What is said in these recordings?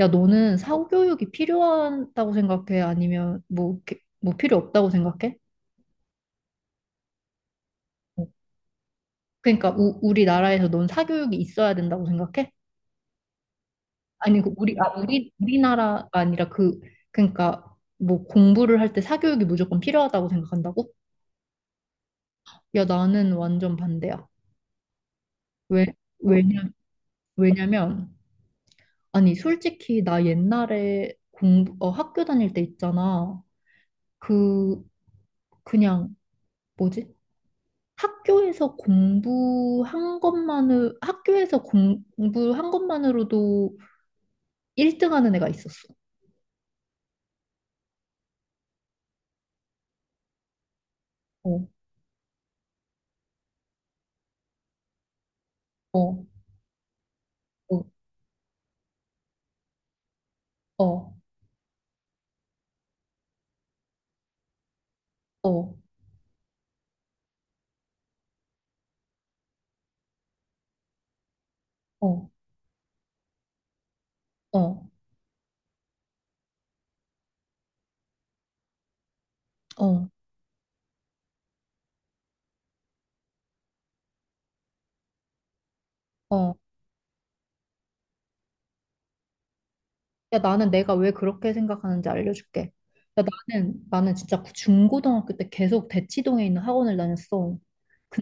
야, 너는 사교육이 필요하다고 생각해? 아니면 뭐, 뭐 필요 없다고 생각해? 어. 그러니까 우리나라에서 넌 사교육이 있어야 된다고 생각해? 아니, 우리나라가 아니라. 그러니까 뭐 공부를 할 때 사교육이 무조건 필요하다고 생각한다고? 야, 나는 완전 반대야. 왜, 왜냐, 왜냐면, 아니, 솔직히 나 옛날에 학교 다닐 때 있잖아. 그, 그냥, 뭐지? 학교에서 공부한 것만으로도 1등 하는 애가 있었어. 어, 어, 어, 어, 어, 어, 어, 어, 어. 야, 나는 내가 왜 그렇게 생각하는지 알려줄게. 야, 나는 진짜 그 중고등학교 때 계속 대치동에 있는 학원을 다녔어. 그-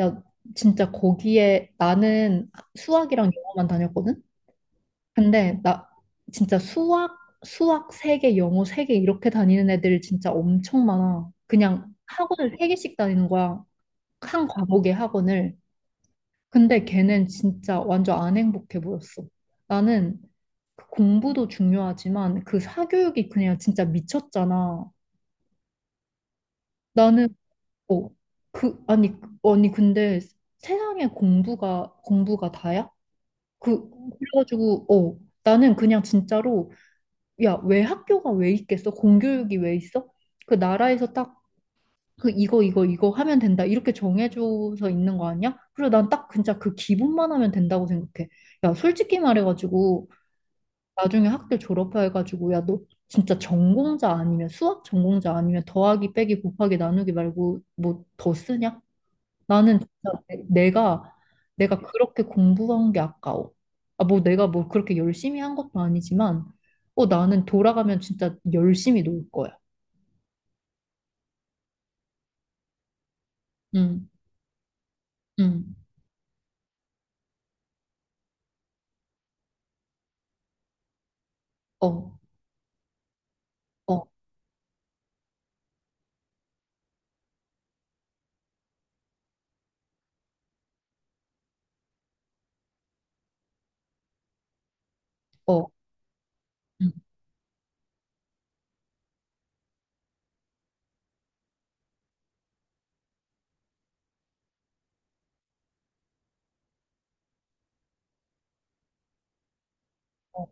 야, 진짜 거기에 나는 수학이랑 영어만 다녔거든? 근데 나 진짜 수학 3개 영어 3개 이렇게 다니는 애들 진짜 엄청 많아. 그냥 학원을 3개씩 다니는 거야. 한 과목의 학원을. 근데 걔는 진짜 완전 안 행복해 보였어. 나는 그 공부도 중요하지만 그 사교육이 그냥 진짜 미쳤잖아. 나는, 어, 아니, 아니 근데 세상에 공부가 다야? 그 그래가지고 나는 그냥 진짜로, 야, 왜 학교가 왜 있겠어? 공교육이 왜 있어? 그 나라에서 딱 이거 이거 이거 하면 된다 이렇게 정해줘서 있는 거 아니야? 그리고 난 딱 진짜 그 기본만 하면 된다고 생각해. 야, 솔직히 말해가지고 나중에 학교 졸업해가지고 야, 너 진짜 전공자 아니면 수학 전공자 아니면 더하기 빼기 곱하기 나누기 말고 뭐 더 쓰냐? 나는 진짜 내가 그렇게 공부한 게 아까워. 아, 뭐 내가 뭐 그렇게 열심히 한 것도 아니지만, 나는 돌아가면 진짜 열심히 놀 거야. 응, 응, 어, 어, 어, 응, 어.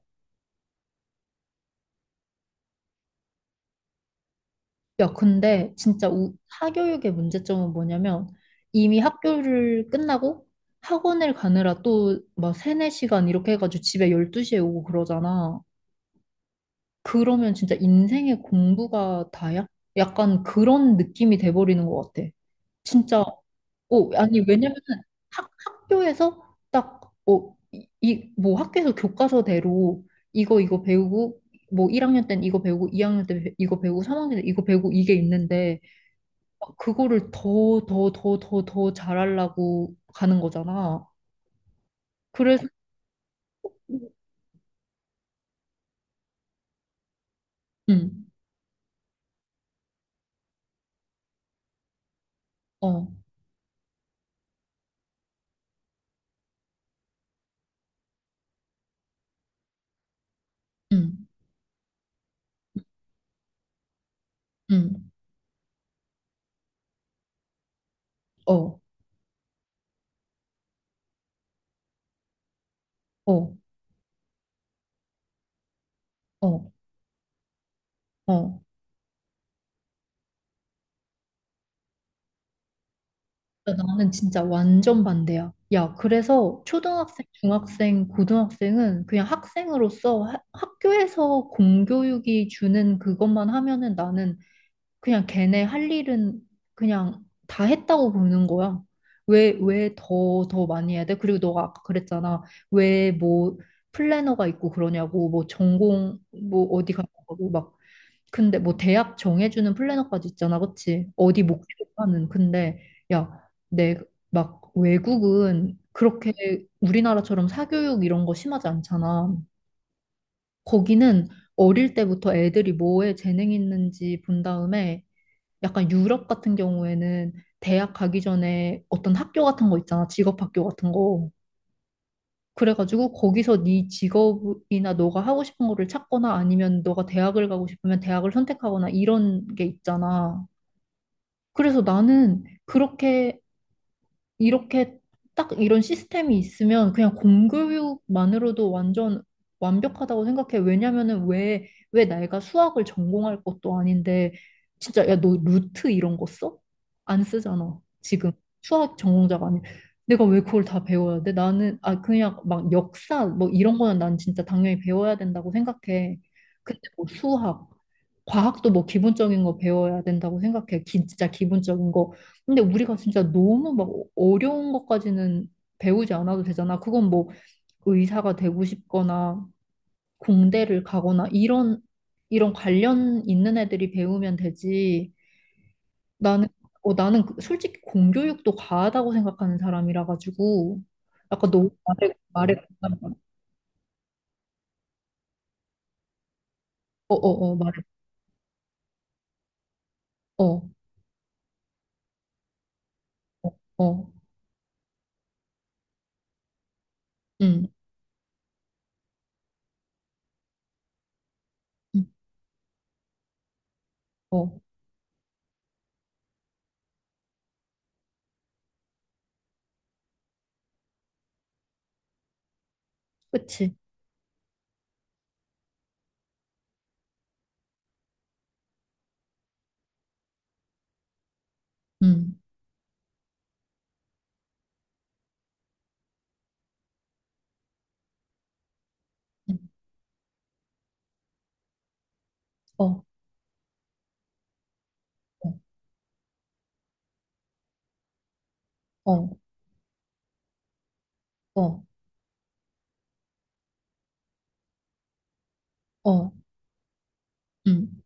야, 근데 진짜 사교육의 문제점은 뭐냐면, 이미 학교를 끝나고 학원을 가느라 또 막 세네 시간 이렇게 해가지고 집에 12시에 오고 그러잖아. 그러면 진짜 인생의 공부가 다야? 약간 그런 느낌이 돼버리는 것 같아. 진짜, 아니, 왜냐면 학교에서 딱, 뭐 학교에서 교과서대로 이거 배우고, 뭐 1학년 땐 이거 배우고, 2학년 때 이거 배우고, 3학년 때 이거 배우고, 이게 있는데, 그거를 더, 더, 더, 더, 더 잘하려고 가는 거잖아. 그래서, 응, 어, 응, 응, 어, 어, 어, 어. 야, 나는 진짜 완전 반대야. 야, 그래서 초등학생, 중학생, 고등학생은 그냥 학생으로서 학교에서 공교육이 주는 그것만 하면은 나는 그냥 걔네 할 일은 그냥 다 했다고 보는 거야. 왜 더, 더 많이 해야 돼? 그리고 너가 아까 그랬잖아. 왜 뭐 플래너가 있고 그러냐고, 뭐 전공, 뭐 어디 가고, 막 근데 뭐 대학 정해주는 플래너까지 있잖아, 그치? 어디 목표하는. 근데 야, 내 막 외국은 그렇게 우리나라처럼 사교육 이런 거 심하지 않잖아. 거기는 어릴 때부터 애들이 뭐에 재능 있는지 본 다음에 약간 유럽 같은 경우에는 대학 가기 전에 어떤 학교 같은 거 있잖아, 직업 학교 같은 거. 그래가지고 거기서 네 직업이나 너가 하고 싶은 거를 찾거나 아니면 너가 대학을 가고 싶으면 대학을 선택하거나 이런 게 있잖아. 그래서 나는 그렇게 이렇게 딱 이런 시스템이 있으면 그냥 공교육만으로도 완전 완벽하다고 생각해. 왜냐면은 왜 내가 수학을 전공할 것도 아닌데, 진짜 야, 너 루트 이런 거 써? 안 쓰잖아. 지금 수학 전공자가 아니. 내가 왜 그걸 다 배워야 돼? 나는, 아, 그냥 막 역사 뭐 이런 거는 난 진짜 당연히 배워야 된다고 생각해. 근데 뭐 수학 과학도 뭐 기본적인 거 배워야 된다고 생각해. 진짜 기본적인 거. 근데 우리가 진짜 너무 막 어려운 것까지는 배우지 않아도 되잖아. 그건 뭐 의사가 되고 싶거나 공대를 가거나 이런 관련 있는 애들이 배우면 되지. 나는 솔직히 공교육도 과하다고 생각하는 사람이라 가지고 아까 너무 말에. 어어어, 말해. 어어어. 음. 음, 어, 그치. 음, 음, 어, 어. 어, 어, 어, 음.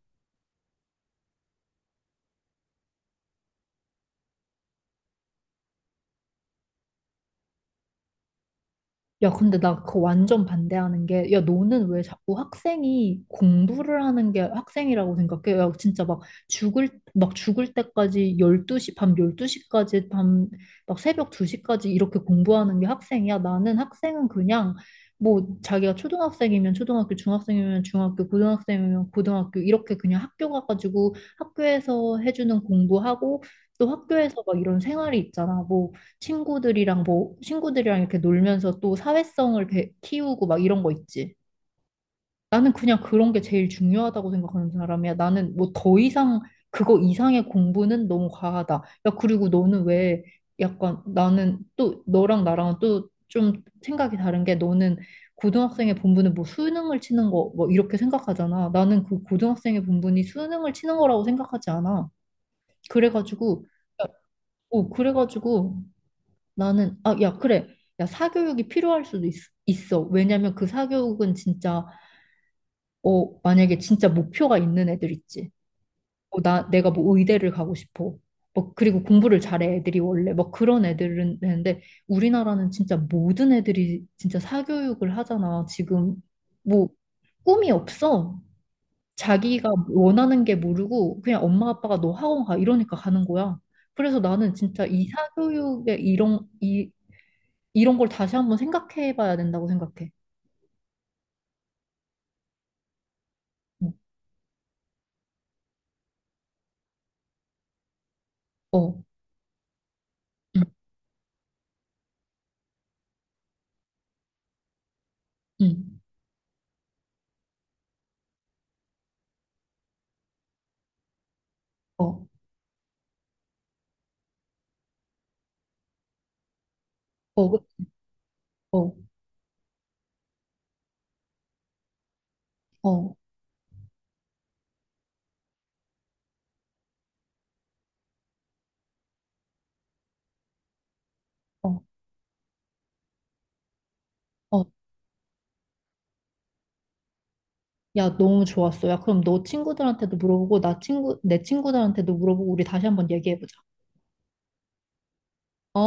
야, 근데 나 그거 완전 반대하는 게, 야, 너는 왜 자꾸 학생이 공부를 하는 게 학생이라고 생각해? 야, 진짜 막 죽을, 막 죽을 때까지 열두 시밤 12시까지, 막 새벽 2시까지 이렇게 공부하는 게 학생이야? 나는 학생은 그냥, 뭐, 자기가 초등학생이면 초등학교, 중학생이면 중학교, 고등학생이면 고등학교, 이렇게 그냥 학교 가가지고 학교에서 해주는 공부하고, 또 학교에서 막 이런 생활이 있잖아. 뭐 친구들이랑 이렇게 놀면서 또 사회성을 키우고 막 이런 거 있지. 나는 그냥 그런 게 제일 중요하다고 생각하는 사람이야. 나는 뭐 더 이상 그거 이상의 공부는 너무 과하다. 야, 그리고 너는 왜 약간 나는 또 너랑 나랑은 또 좀 생각이 다른 게 너는 고등학생의 본분은 뭐 수능을 치는 거 뭐 이렇게 생각하잖아. 나는 그 고등학생의 본분이 수능을 치는 거라고 생각하지 않아. 그래가지고, 야, 그래가지고 나는, 아, 야, 그래. 야, 사교육이 필요할 수도 있어. 왜냐면 그 사교육은 진짜, 만약에 진짜 목표가 있는 애들 있지. 어, 나 내가 뭐 의대를 가고 싶어. 뭐 그리고 공부를 잘해 애들이 원래 뭐 그런 애들은 되는데 우리나라는 진짜 모든 애들이 진짜 사교육을 하잖아. 지금 뭐 꿈이 없어. 자기가 원하는 게 모르고 그냥 엄마 아빠가 너 학원 가 이러니까 가는 거야. 그래서 나는 진짜 이 사교육의 이런 걸 다시 한번 생각해 봐야 된다고 생각해. 음, 어, 응, 응, 어, 어, 어, 어, 어, 어. 야, 너무 좋았어. 야, 그럼 너 친구들한테도 물어보고, 내 친구들한테도 물어보고, 우리 다시 한번 얘기해 보자. 어?